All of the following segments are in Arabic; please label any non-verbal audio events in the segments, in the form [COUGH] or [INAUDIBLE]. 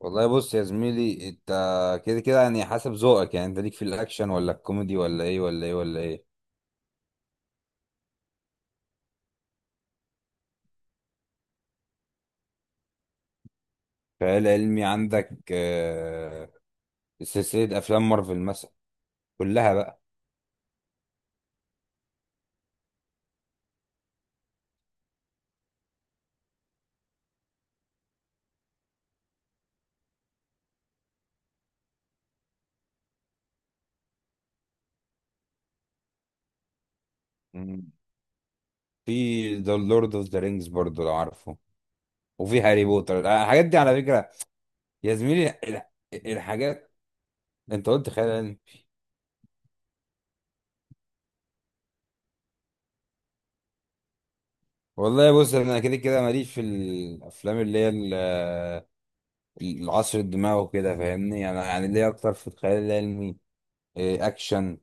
والله بص يا زميلي انت كده كده يعني حسب ذوقك. يعني انت ليك في الاكشن ولا الكوميدي ولا ايه؟ خيال علمي عندك سلسلة افلام مارفل مثلا، كلها بقى. مم. في ذا لورد اوف ذا رينجز برضو لو عارفه، وفي هاري بوتر. الحاجات دي على فكرة يا زميلي الحاجات. انت قلت خيال علمي. والله بص، انا كده كده ماليش في الافلام اللي هي العصر الدماغ وكده، فاهمني؟ انا يعني ليا اكتر في الخيال العلمي، اكشن،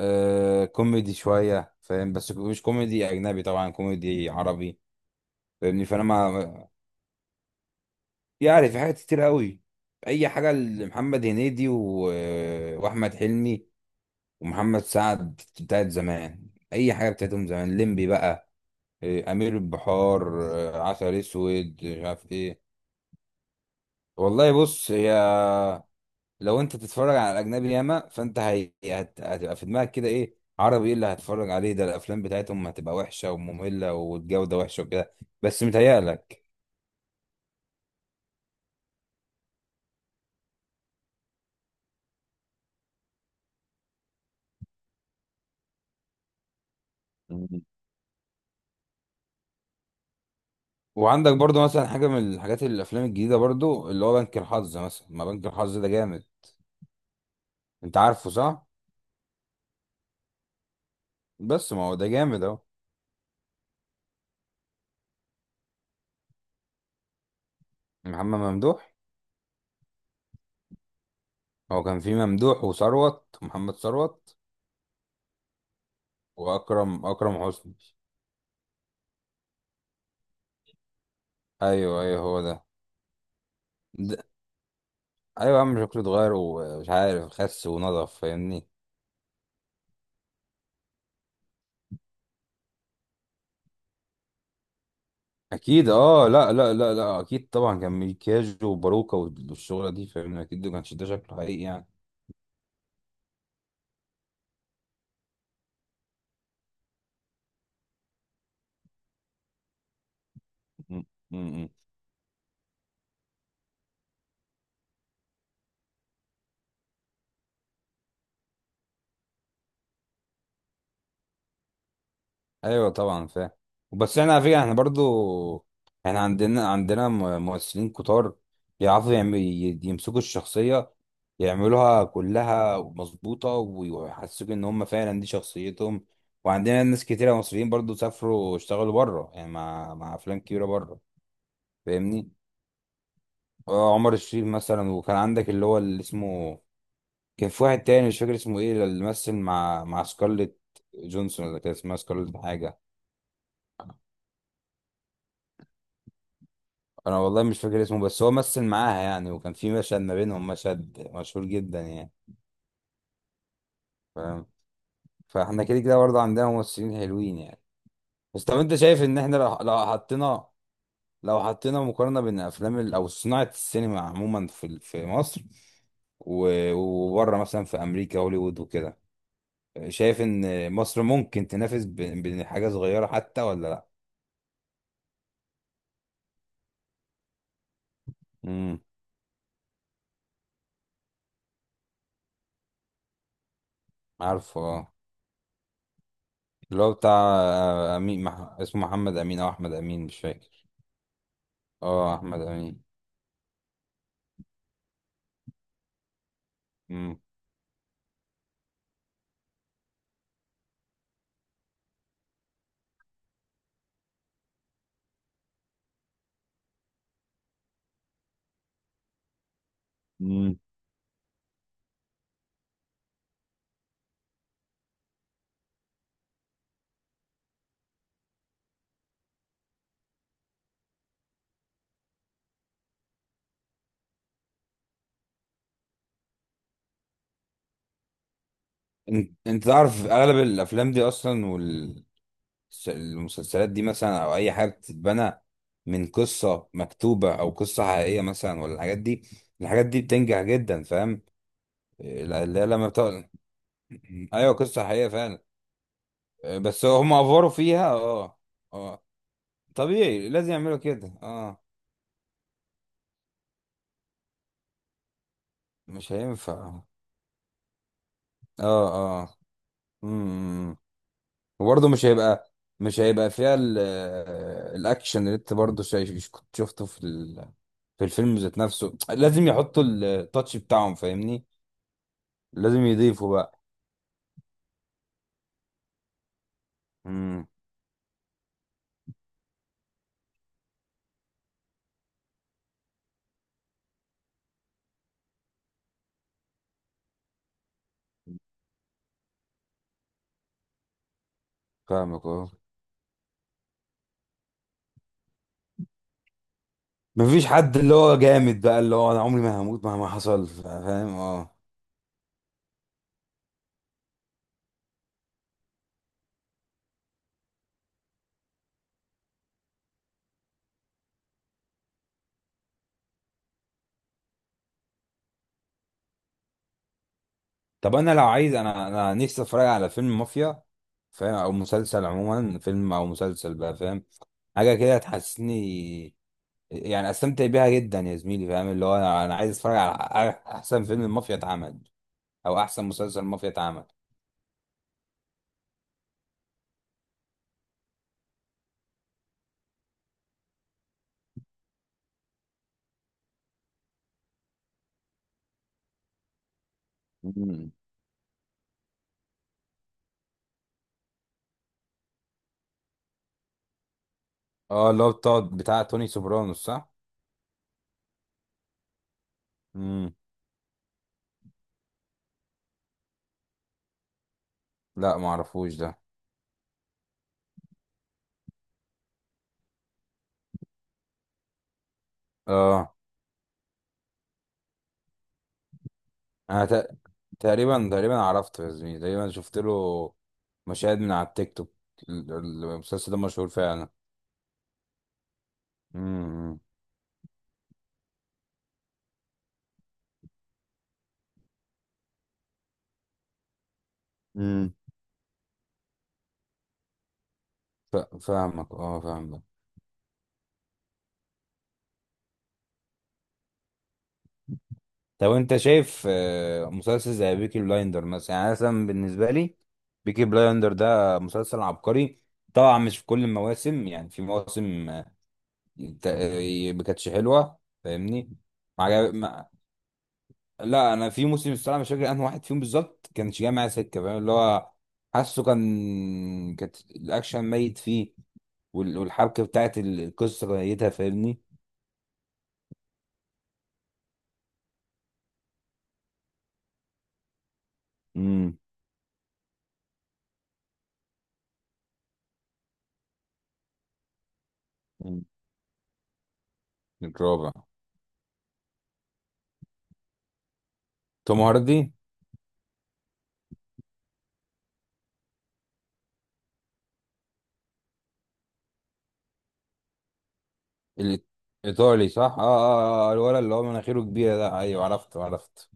آه كوميدي شوية، فاهم؟ بس مش كوميدي أجنبي، طبعا كوميدي عربي. فاهمني؟ فأنا ما يعني في حاجات كتير قوي، أي حاجة لمحمد هنيدي وأحمد حلمي ومحمد سعد بتاعت زمان، أي حاجة بتاعتهم زمان. ليمبي بقى، أمير البحار، عسل أسود، مش عارف إيه. والله بص، هي لو انت تتفرج على اجنبي ياما، فانت هتبقى في دماغك كده ايه عربي، ايه اللي هتتفرج عليه ده؟ الافلام بتاعتهم هتبقى وحشه وممله، والجوده وحشه وكده. بس متهيألك. مم. وعندك برضو مثلا حاجه من الحاجات، الافلام الجديده برضو، اللي هو بنك الحظ مثلا. ما بنك الحظ ده جامد، انت عارفه صح؟ بس ما هو ده جامد اهو. محمد ممدوح. هو كان في ممدوح وثروت، محمد ثروت. واكرم، اكرم حسني. ايوه ايوه، هو ده. ده... ايوه يا عم، شكله اتغير ومش عارف، خس ونضف، فاهمني؟ اكيد، اه، لا، اكيد طبعا كان ميكاج وباروكا والشغله دي، فاهمني؟ اكيد ما كانش ده شكله حقيقي يعني. م- م- م. ايوه طبعا فاهم. بس احنا على فكره، احنا برضو احنا عندنا ممثلين كتار، يعرفوا يمسكوا الشخصيه، يعملوها كلها مظبوطه، ويحسسوك ان هم فعلا دي شخصيتهم. وعندنا ناس كتيره مصريين برضو سافروا اشتغلوا بره، يعني مع افلام كبيره بره، فاهمني؟ عمر الشريف مثلا. وكان عندك اللي هو اللي اسمه، كان في واحد تاني مش فاكر اسمه ايه، اللي مثل مع سكارليت جونسون، ولا كان اسمها سكارليت حاجة. انا والله مش فاكر اسمه، بس هو مثل معاها يعني، وكان في مشهد ما بينهم مشهد مشهور جدا يعني، فاهم؟ فاحنا كده كده برضه عندنا ممثلين حلوين يعني. بس طب انت شايف ان احنا لو حطينا، لو حطينا مقارنة بين افلام او صناعة السينما عموما في في مصر، وبره مثلا في امريكا، هوليوود وكده، شايف ان مصر ممكن تنافس بحاجة صغيرة حتى، ولا لا؟ مم. عارفه اه. اللي هو بتاع، امين اسمه محمد امين او احمد امين مش فاكر. اه احمد امين. مم. مم. انت تعرف اغلب الافلام دي اصلا، والمسلسلات دي مثلا، او اي حاجه بتتبنى من قصه مكتوبه او قصه حقيقيه مثلا، ولا الحاجات دي، الحاجات دي بتنجح جدا، فاهم؟ اللي هي لما بتقول [CLEARS THROAT] ايوه، قصه حقيقيه فعلا، بس هم افوروا فيها. اه اه طبيعي، لازم يعملوا كده. اه مش هينفع، اه اه، امم. وبرضه مش هيبقى، مش هيبقى فيها الاكشن اللي انت برضه شايف كنت شفته في في الفيلم ذات نفسه، لازم يحطوا التاتش بتاعهم، فاهمني؟ لازم يضيفوا بقى. امم. فاهمك اه، مفيش حد اللي هو جامد بقى، اللي هو انا عمري ما هموت مهما حصل، فاهم؟ اه. طب انا لو عايز، انا نفسي اتفرج على فيلم مافيا، فاهم؟ او مسلسل عموما، فيلم او مسلسل بقى، فاهم؟ حاجه كده تحسسني يعني، استمتع بيها جدا يا زميلي، فاهم؟ اللي هو انا، أنا عايز اتفرج على احسن فيلم المافيا اتعمل، او احسن مسلسل المافيا اتعمل. مم. اه، اللي هو بتاع توني سوبرانوس صح؟ امم. لا ما اعرفوش ده. اه، انا تق- تقريبا، عرفته يا زميلي، تقريبا شفت له مشاهد من على التيك توك. المسلسل ده مشهور فعلا. امم. مم. فاهمك اه، فاهم. طب انت شايف مسلسل زي بيكي بلايندر مثلا، يعني مثلا بالنسبه لي بيكي بلايندر ده مسلسل عبقري، طبعا مش في كل المواسم، يعني في مواسم ما كانتش حلوه، فاهمني؟ ما عجب... ما... لا انا في موسم، الصراحه مش فاكر انه واحد فيهم بالظبط، كانش جاي معايا سكه، فاهم؟ اللي هو حاسه كانت الاكشن ميت فيه، والحبكه بتاعت القصه ميتها، فاهمني؟ امم. الرابع. توم هاردي. الايطالي صح اه اه اه، الولد اللي هو مناخيره كبيره ده، ايوه عرفته عرفته.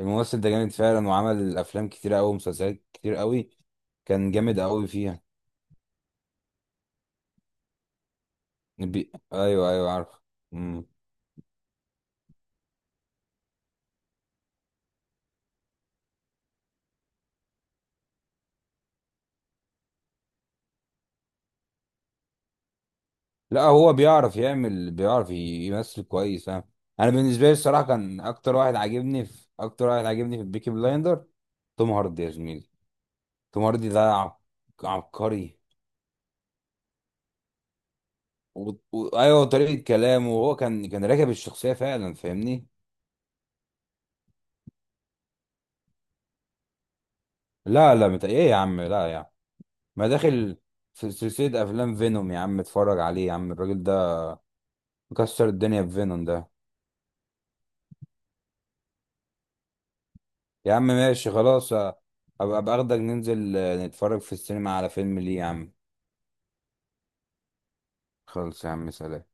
الممثل ده جامد فعلا، وعمل افلام كتير قوي ومسلسلات كتير قوي، كان جامد قوي فيها. ايوه ايوه عارف. مم. لا هو بيعرف يعمل، بيعرف يمثل كويس ها. انا بالنسبه لي الصراحه كان اكتر واحد عاجبني في، بيكي بلايندر توم هاردي يا زميلي. توم هاردي ده عبقري. ايوه طريقه كلامه، وهو كان راكب الشخصيه فعلا، فاهمني؟ لا لا مت... ايه يا عم، لا يا عم، ما داخل في سلسلة افلام فينوم؟ يا عم اتفرج عليه، يا عم الراجل ده مكسر الدنيا في فينوم ده. يا عم ماشي خلاص، ابقى باخدك ننزل نتفرج في السينما على فيلم، ليه يا عم؟ خلص يا عم، سلام.